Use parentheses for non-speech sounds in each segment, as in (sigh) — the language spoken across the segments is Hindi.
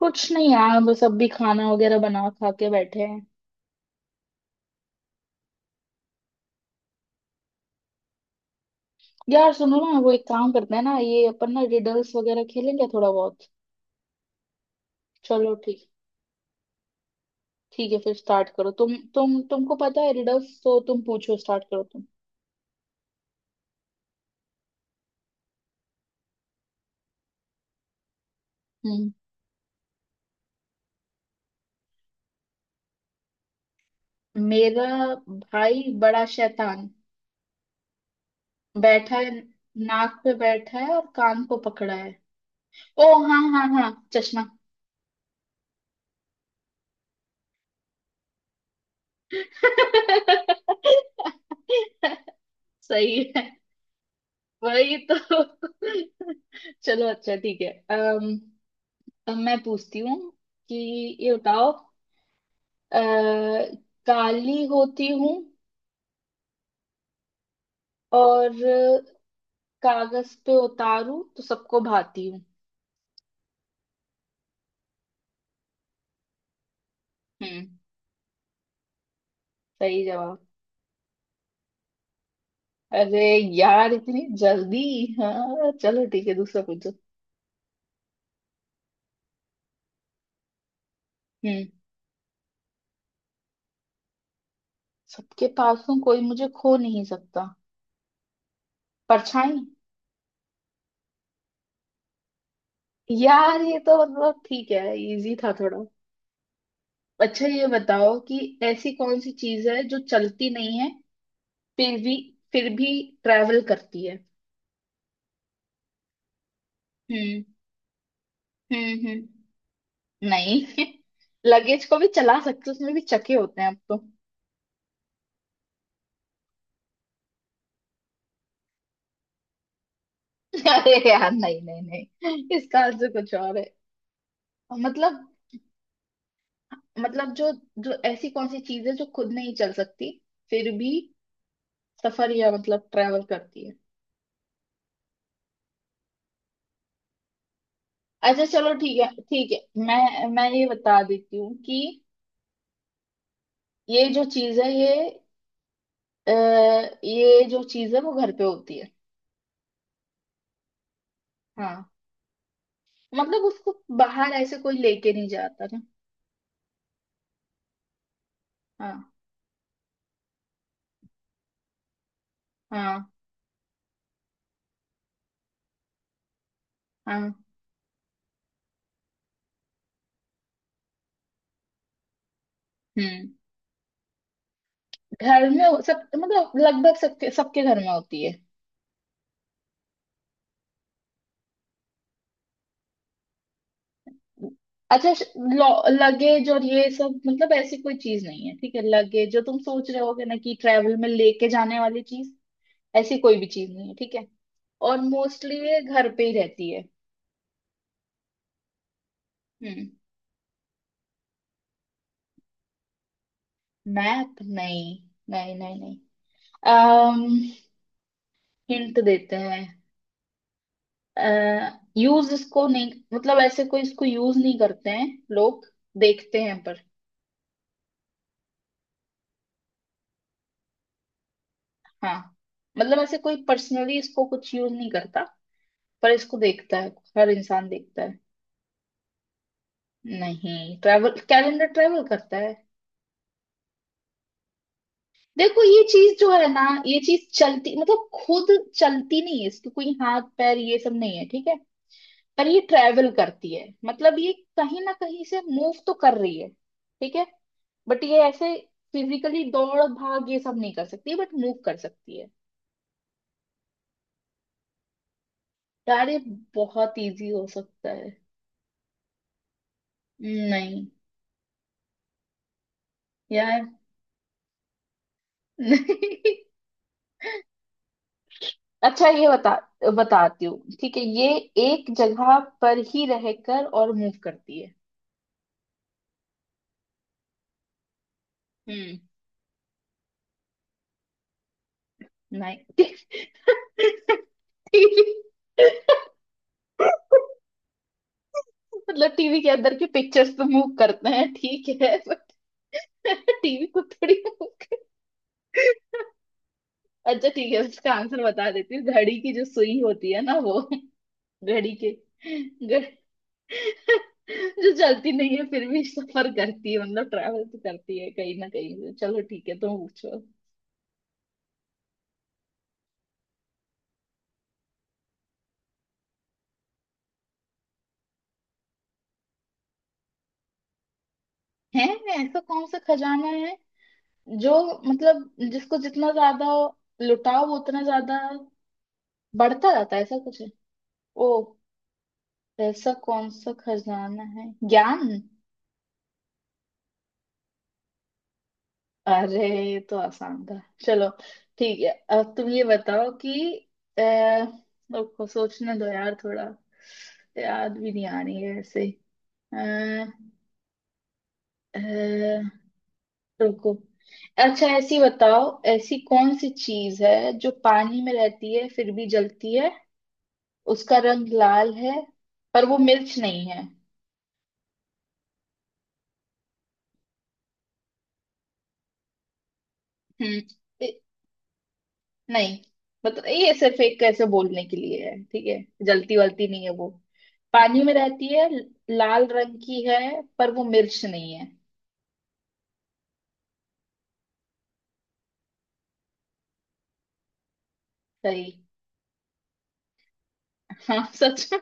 कुछ नहीं यार। बस अब भी खाना वगैरह बना खा के बैठे हैं। यार सुनो ना, वो एक काम करते हैं ना, ये अपन ना रिडल्स वगैरह खेलेंगे थोड़ा बहुत। चलो ठीक। ठीक है, फिर स्टार्ट करो तुमको पता है रिडल्स, तो तुम पूछो, स्टार्ट करो तुम। हम्म। मेरा भाई बड़ा शैतान, बैठा है नाक पे, बैठा है और कान को पकड़ा है। ओ हाँ हाँ हाँ, चश्मा। (laughs) सही है। वही तो। (laughs) चलो अच्छा ठीक है। अब मैं पूछती हूँ कि ये बताओ। अ, काली होती हूँ और कागज पे उतारू तो सबको भाती हूँ। हम्म, सही जवाब। अरे यार, इतनी जल्दी! हाँ चलो ठीक है, दूसरा पूछो। हम्म। सबके पास हूँ, कोई मुझे खो नहीं सकता। परछाई। यार ये तो मतलब ठीक है, इजी था थोड़ा। अच्छा, ये बताओ कि ऐसी कौन सी चीज है जो चलती नहीं है, फिर भी फिर भी ट्रैवल करती है। हम्म। हम्म। नहीं। (laughs) लगेज को भी चला सकते हो, उसमें भी चके होते हैं अब तो। (laughs) अरे यार, नहीं नहीं नहीं, इसका आंसर कुछ और है। मतलब मतलब, जो जो ऐसी कौन सी चीज है जो खुद नहीं चल सकती, फिर भी सफर या मतलब ट्रैवल करती है। अच्छा चलो ठीक है, ठीक है। मैं ये बता देती हूँ कि ये जो चीज है ये, अ, ये जो चीज है वो घर पे होती है। हाँ मतलब उसको बाहर ऐसे कोई लेके नहीं जाता ना। हाँ। हाँ हाँ। हम्म। सब मतलब लगभग सबके सबके घर में होती है। अच्छा, लगेज और ये सब मतलब ऐसी कोई चीज नहीं है ठीक है, लगेज जो तुम सोच रहे होगे ना कि ट्रेवल में लेके जाने वाली चीज, ऐसी कोई भी चीज नहीं है ठीक है। और मोस्टली ये घर पे ही रहती है। हम्म। मैप नहीं। नहीं नहीं नहीं। अम्म हिंट देते हैं। यूज इसको नहीं, मतलब ऐसे कोई इसको यूज नहीं करते हैं लोग, देखते हैं पर। हाँ मतलब ऐसे कोई पर्सनली इसको कुछ यूज नहीं करता, पर इसको देखता है, हर इंसान देखता है। नहीं। ट्रैवल, कैलेंडर ट्रैवल करता है? देखो ये चीज जो है ना, ये चीज चलती मतलब खुद चलती नहीं है, इसके कोई हाथ पैर ये सब नहीं है ठीक है, पर ये ट्रैवल करती है, मतलब ये कहीं ना कहीं से मूव तो कर रही है ठीक है, बट ये ऐसे फिजिकली दौड़ भाग ये सब नहीं कर सकती, बट मूव कर सकती है। यार ये बहुत इजी हो सकता है। नहीं। यार नहीं। (laughs) अच्छा ये बता, बताती हूँ ठीक है, ये एक जगह पर ही रहकर और मूव करती है। हम्म। नहीं। (laughs) मतलब टीवी के अंदर के पिक्चर्स तो मूव करते हैं ठीक है, बट टीवी (laughs) को थोड़ी मूव। अच्छा ठीक है, उसका आंसर बता देती हूँ, घड़ी की जो सुई होती है ना वो। घड़ी के, घ- जो चलती नहीं है फिर भी सफर करती है, मतलब ट्रैवल तो करती है कहीं ना कहीं से। चलो ठीक है, तुम पूछो। है। ऐसा कौन सा खजाना है जो, मतलब जिसको जितना ज्यादा लुटाओ वो उतना ज्यादा बढ़ता जाता है, ऐसा कुछ है? ओ। ऐसा कौन सा खजाना है, ज्ञान। अरे ये तो आसान था। चलो ठीक है। अब तुम ये बताओ कि, अह, रुको सोचने दो यार थोड़ा, याद भी नहीं आ रही है ऐसे। अह, अह, रुको। अच्छा ऐसी बताओ, ऐसी कौन सी चीज है जो पानी में रहती है फिर भी जलती है, उसका रंग लाल है पर वो मिर्च नहीं है? हम्म। नहीं, मतलब ये सिर्फ एक ऐसे बोलने के लिए है ठीक है, जलती वलती नहीं है वो, पानी में रहती है, लाल रंग की है पर वो मिर्च नहीं है। सही। हाँ सच में।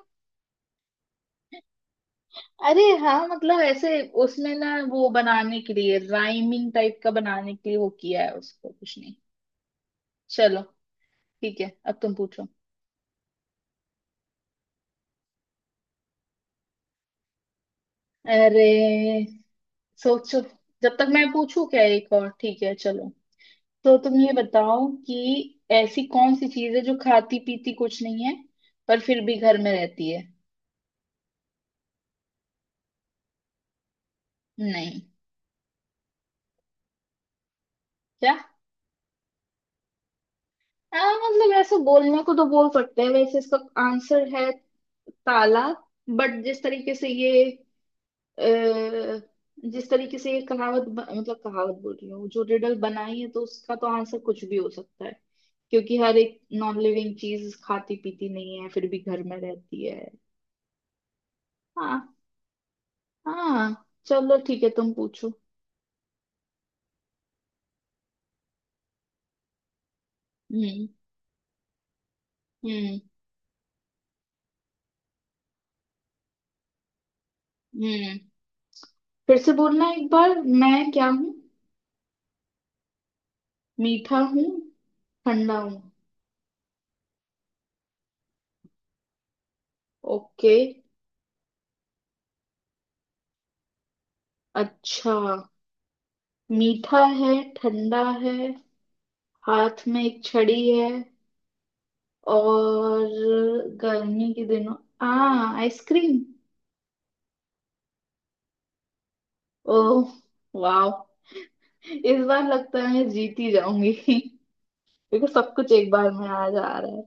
अरे हाँ, मतलब ऐसे उसमें ना वो बनाने के लिए राइमिंग टाइप का बनाने के लिए वो किया है, उसको कुछ नहीं। चलो ठीक है, अब तुम पूछो। अरे सोचो, जब तक मैं पूछू, क्या एक और? ठीक है चलो। तो तुम ये बताओ कि ऐसी कौन सी चीज है जो खाती पीती कुछ नहीं है, पर फिर भी घर में रहती है। नहीं। क्या? आ, मतलब ऐसे बोलने को तो बोल सकते हैं, वैसे इसका आंसर है ताला, बट जिस तरीके से ये, अ, जिस तरीके से ये कहावत मतलब कहावत बोल रही हूँ, जो रिडल बनाई है, तो उसका तो आंसर कुछ भी हो सकता है, क्योंकि हर एक नॉन लिविंग चीज खाती पीती नहीं है फिर भी घर में रहती है। हाँ। हाँ चलो ठीक है, तुम पूछो। हम्म। हम्म। हम्म। फिर से बोलना एक बार, मैं क्या हूँ? मीठा हूँ। ठंडा हूँ। ओके। अच्छा। मीठा है, ठंडा है, हाथ में एक छड़ी है, और गर्मी के दिनों, आ, आइसक्रीम! ओह! वाह! इस बार लगता है मैं जीत ही जाऊंगी। (laughs) क्योंकि सब कुछ एक बार में आ जा रहा है।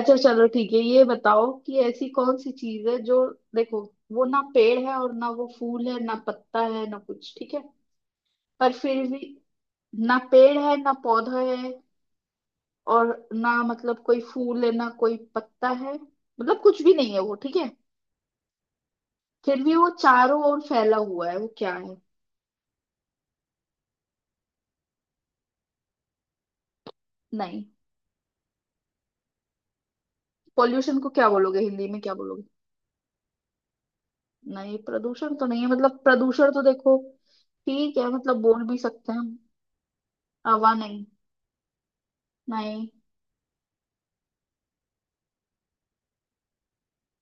अच्छा चलो ठीक है, ये बताओ कि ऐसी कौन सी चीज है जो, देखो, वो ना पेड़ है और ना वो फूल है, ना पत्ता है ना कुछ ठीक है, पर फिर भी, ना पेड़ है ना पौधा है, और ना मतलब कोई फूल है ना कोई पत्ता है, मतलब कुछ भी नहीं है वो ठीक है, फिर भी वो चारों ओर फैला हुआ है, वो क्या है? नहीं। पॉल्यूशन को क्या बोलोगे, हिंदी में क्या बोलोगे? नहीं प्रदूषण तो नहीं है, मतलब प्रदूषण तो देखो, ठीक है मतलब बोल भी सकते हैं हम। हवा नहीं। नहीं।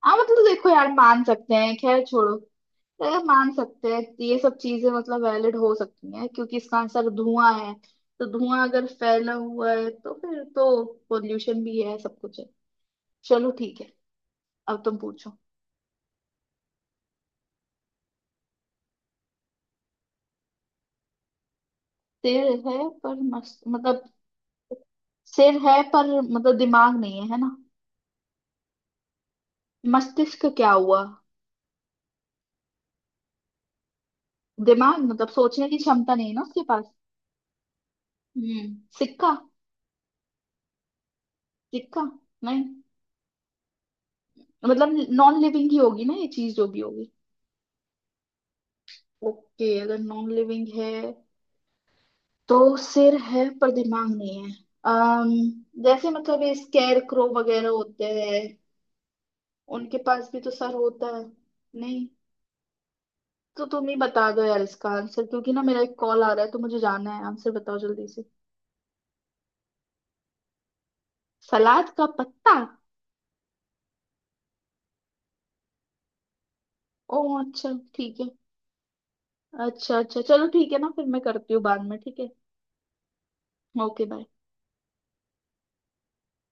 हाँ मतलब तो देखो यार, मान सकते हैं, खैर छोड़ो। अरे मान सकते हैं ये सब चीजें मतलब, वैलिड हो सकती हैं, क्योंकि इसका आंसर धुआं है। तो धुआं अगर फैला हुआ है तो फिर तो पोल्यूशन भी है, सब कुछ है। चलो ठीक है, अब तुम पूछो। सिर है पर मस्त मतलब, सिर है पर मतलब दिमाग नहीं है, है ना? मस्तिष्क का क्या हुआ? दिमाग मतलब सोचने की क्षमता नहीं है ना उसके पास। हम्म, सिक्का। सिक्का नहीं। मतलब नॉन लिविंग ही होगी ना ये चीज जो भी होगी। ओके अगर नॉन लिविंग है, तो सिर है पर दिमाग नहीं है, जैसे मतलब ये स्केयर क्रो वगैरह होते हैं, उनके पास भी तो सर होता है। नहीं। तो तुम ही बता दो यार इसका आंसर, क्योंकि ना मेरा एक कॉल आ रहा है तो मुझे जाना है, आंसर बताओ जल्दी से। सलाद का पत्ता। ओ अच्छा ठीक है। अच्छा अच्छा चलो ठीक है ना, फिर मैं करती हूँ बाद में ठीक है। Okay bye.